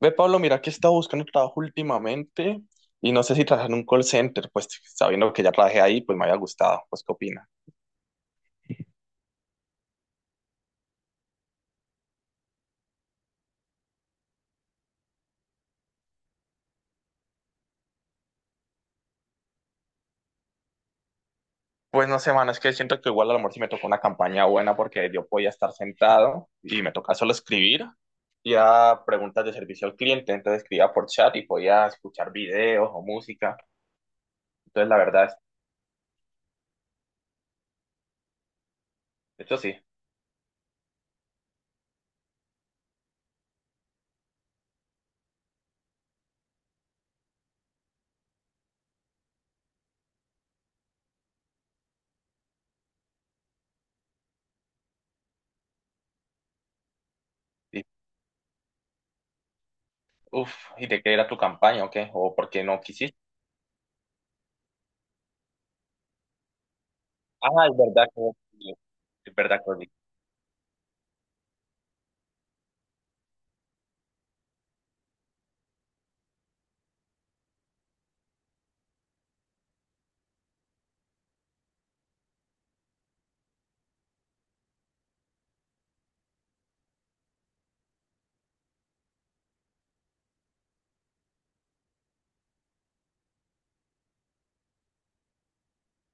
Ve, Pablo, mira que he estado buscando trabajo últimamente y no sé si trabajar en un call center, pues sabiendo que ya trabajé ahí, pues me había gustado. Pues, ¿qué opina? Pues no sé, man, es que siento que igual a lo mejor sí me tocó una campaña buena porque yo podía estar sentado y me tocaba solo escribir y a preguntas de servicio al cliente, entonces escribía por chat y podía escuchar videos o música. Entonces, la verdad, esto sí. Y, uf, ¿y de qué era tu campaña o qué? ¿O por qué no quisiste? Ah, es verdad que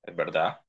es verdad.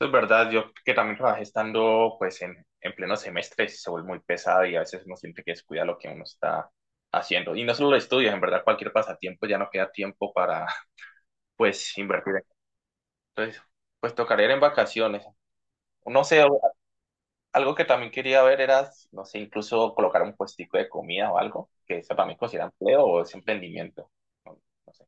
Eso es verdad, yo que también trabajé estando pues en pleno semestre, se vuelve muy pesado y a veces uno siente que descuida lo que uno está haciendo. Y no solo los estudios, en verdad cualquier pasatiempo ya no queda tiempo para pues invertir. Entonces, pues tocaría ir en vacaciones. No sé, algo que también quería ver era, no sé, incluso colocar un puestico de comida o algo, que eso también considera empleo o es emprendimiento. No, no sé.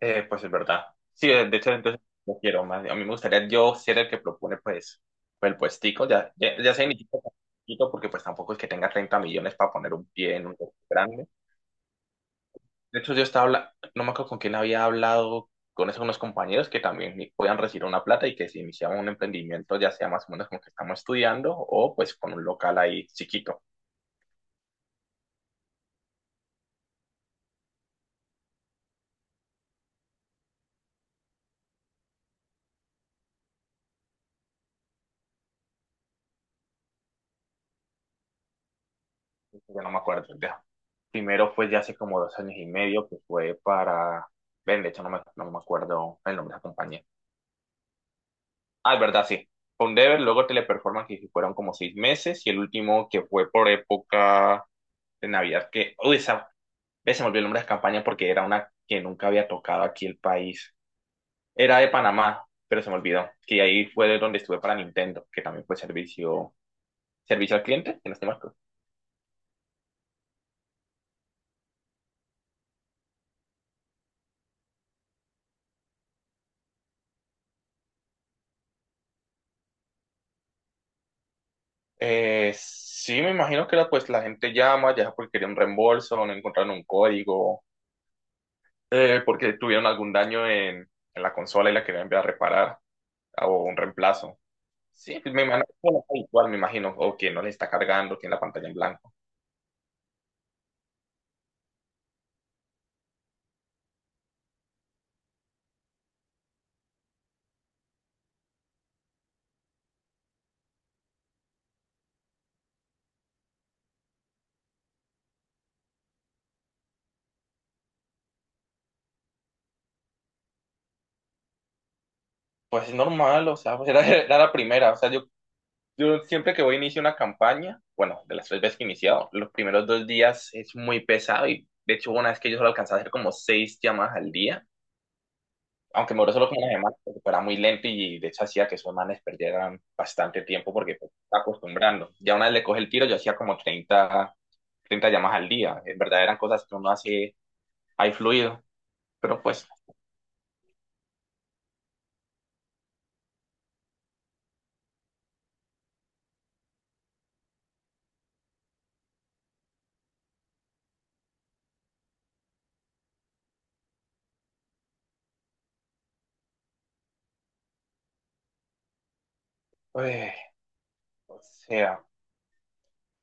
Pues es verdad. Sí, de hecho, entonces no quiero más. A mí me gustaría yo ser el que propone, pues, pues el puestico. Ya, ya, ya se inició con poquito, porque pues tampoco es que tenga 30 millones para poner un pie en un lugar grande. De hecho, yo estaba hablando, no me acuerdo con quién había hablado, con esos unos compañeros que también podían recibir una plata y que si iniciaban un emprendimiento, ya sea más o menos como que estamos estudiando o pues con un local ahí chiquito. Yo no me acuerdo ya. Primero fue ya hace como dos años y medio, que fue para... Ven, de hecho no me acuerdo el nombre de la compañía. Ah, es verdad, sí. Fue un Dever, luego Teleperformance, que fueron como seis meses, y el último que fue por época de Navidad, que, uy, esa vez se me olvidó el nombre de la campaña porque era una que nunca había tocado aquí el país. Era de Panamá, pero se me olvidó, que ahí fue de donde estuve para Nintendo, que también fue servicio, servicio al cliente, en este marco. Sí, me imagino que era pues la gente llama, ya sea porque quería un reembolso, no encontraron un código, porque tuvieron algún daño en la consola y la querían enviar a reparar, o un reemplazo. Sí, pues me imagino que es habitual, me imagino, o que no le está cargando, tiene la pantalla en blanco. Pues es normal, o sea, pues era, era la primera, o sea, yo siempre que voy a iniciar una campaña, bueno, de las tres veces que he iniciado, los primeros dos días es muy pesado y de hecho hubo una vez que yo solo alcanzaba a hacer como seis llamadas al día, aunque me duró solo como una semana, porque era muy lento y de hecho hacía que esos manes perdieran bastante tiempo porque pues, se está acostumbrando. Ya una vez le coge el tiro, yo hacía como treinta llamadas al día, en verdad eran cosas que uno hace ahí fluido, pero pues... uy. O sea,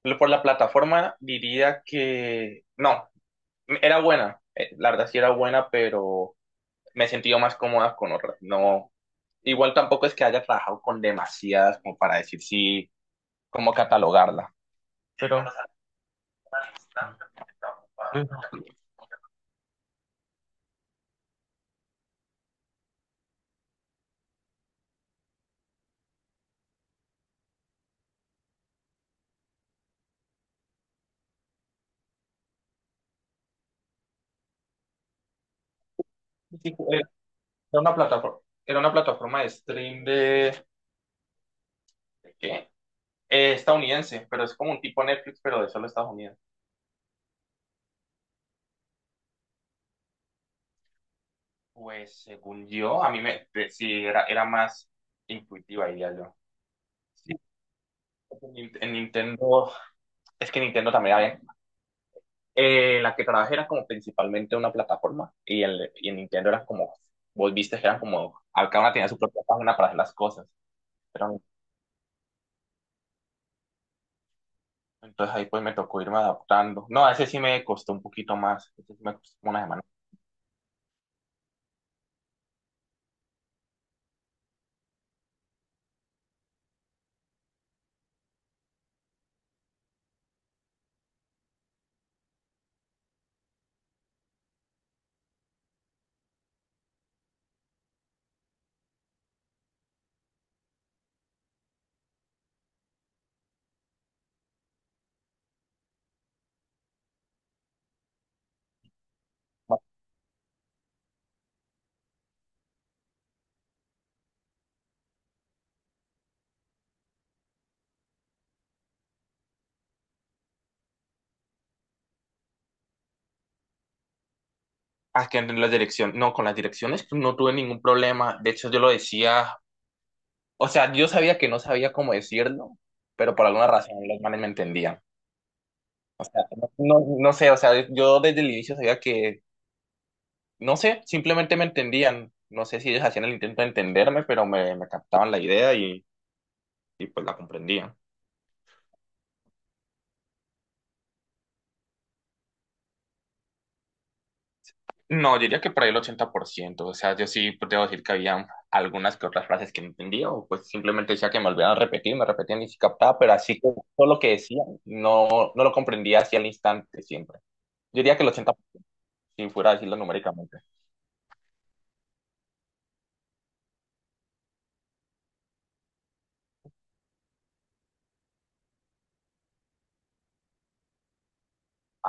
lo- por la plataforma diría que no, era buena, la verdad sí era buena, pero me he sentido más cómoda con otras. No, igual tampoco es que haya trabajado con demasiadas como para decir sí, cómo catalogarla. Pero, eh, sí, eh, era una plataforma, era una plataforma de stream ¿de qué? Estadounidense, pero es como un tipo Netflix, pero de solo Estados Unidos. Pues según yo, a mí me, sí, era, era más intuitiva, diría yo. Sí. En Nintendo, es que Nintendo también había, la que trabajé era como principalmente una plataforma y el y en Nintendo era como, vos viste que eran como, cada una tenía su propia página para hacer las cosas, pero entonces ahí pues me tocó irme adaptando. No, a ese sí me costó un poquito más, ese sí me costó como una semana. Ah, que en las direcciones, no, con las direcciones no tuve ningún problema, de hecho yo lo decía, o sea, yo sabía que no sabía cómo decirlo, pero por alguna razón los manes me entendían. O sea, no, no sé, o sea, yo desde el inicio sabía que no sé, simplemente me entendían. No sé si ellos hacían el intento de entenderme, pero me captaban la idea y pues la comprendían. No, diría que por ahí el 80%. O sea, yo sí pues, debo decir que había algunas que otras frases que no entendía o pues simplemente decía que me volvieran a repetir, me repetían y sí captaba, pero así que todo lo que decían no, no lo comprendía así el instante siempre. Yo diría que el 80%, si fuera a decirlo numéricamente.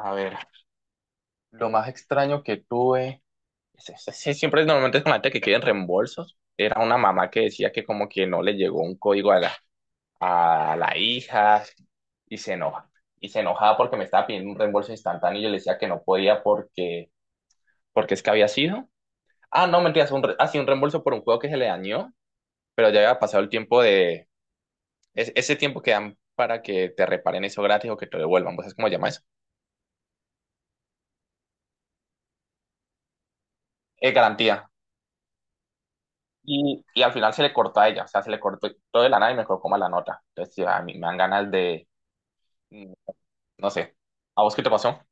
A ver, lo más extraño que tuve. Sí, sí, sí, siempre normalmente es con gente que quieren reembolsos. Era una mamá que decía que como que no le llegó un código a a la hija y se enoja. Y se enojaba porque me estaba pidiendo un reembolso instantáneo y yo le decía que no podía porque, porque es que había sido. Ah, no, mentiras, sí, un reembolso por un juego que se le dañó, pero ya había pasado el tiempo de... ese tiempo que dan para que te reparen eso gratis o que te lo devuelvan. ¿Vos sabés cómo se llama eso? Es garantía. Y al final se le cortó a ella, o sea, se le cortó todo de la nada y me colocó mal la nota. Entonces, sí, a mí me dan ganas. Mm, no sé. ¿A vos qué te pasó?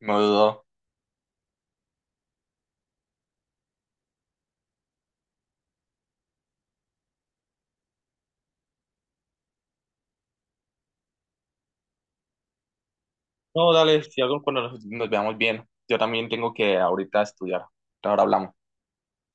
No dudo. No, dale, si algo cuando nos veamos bien. Yo también tengo que ahorita estudiar. Ahora hablamos.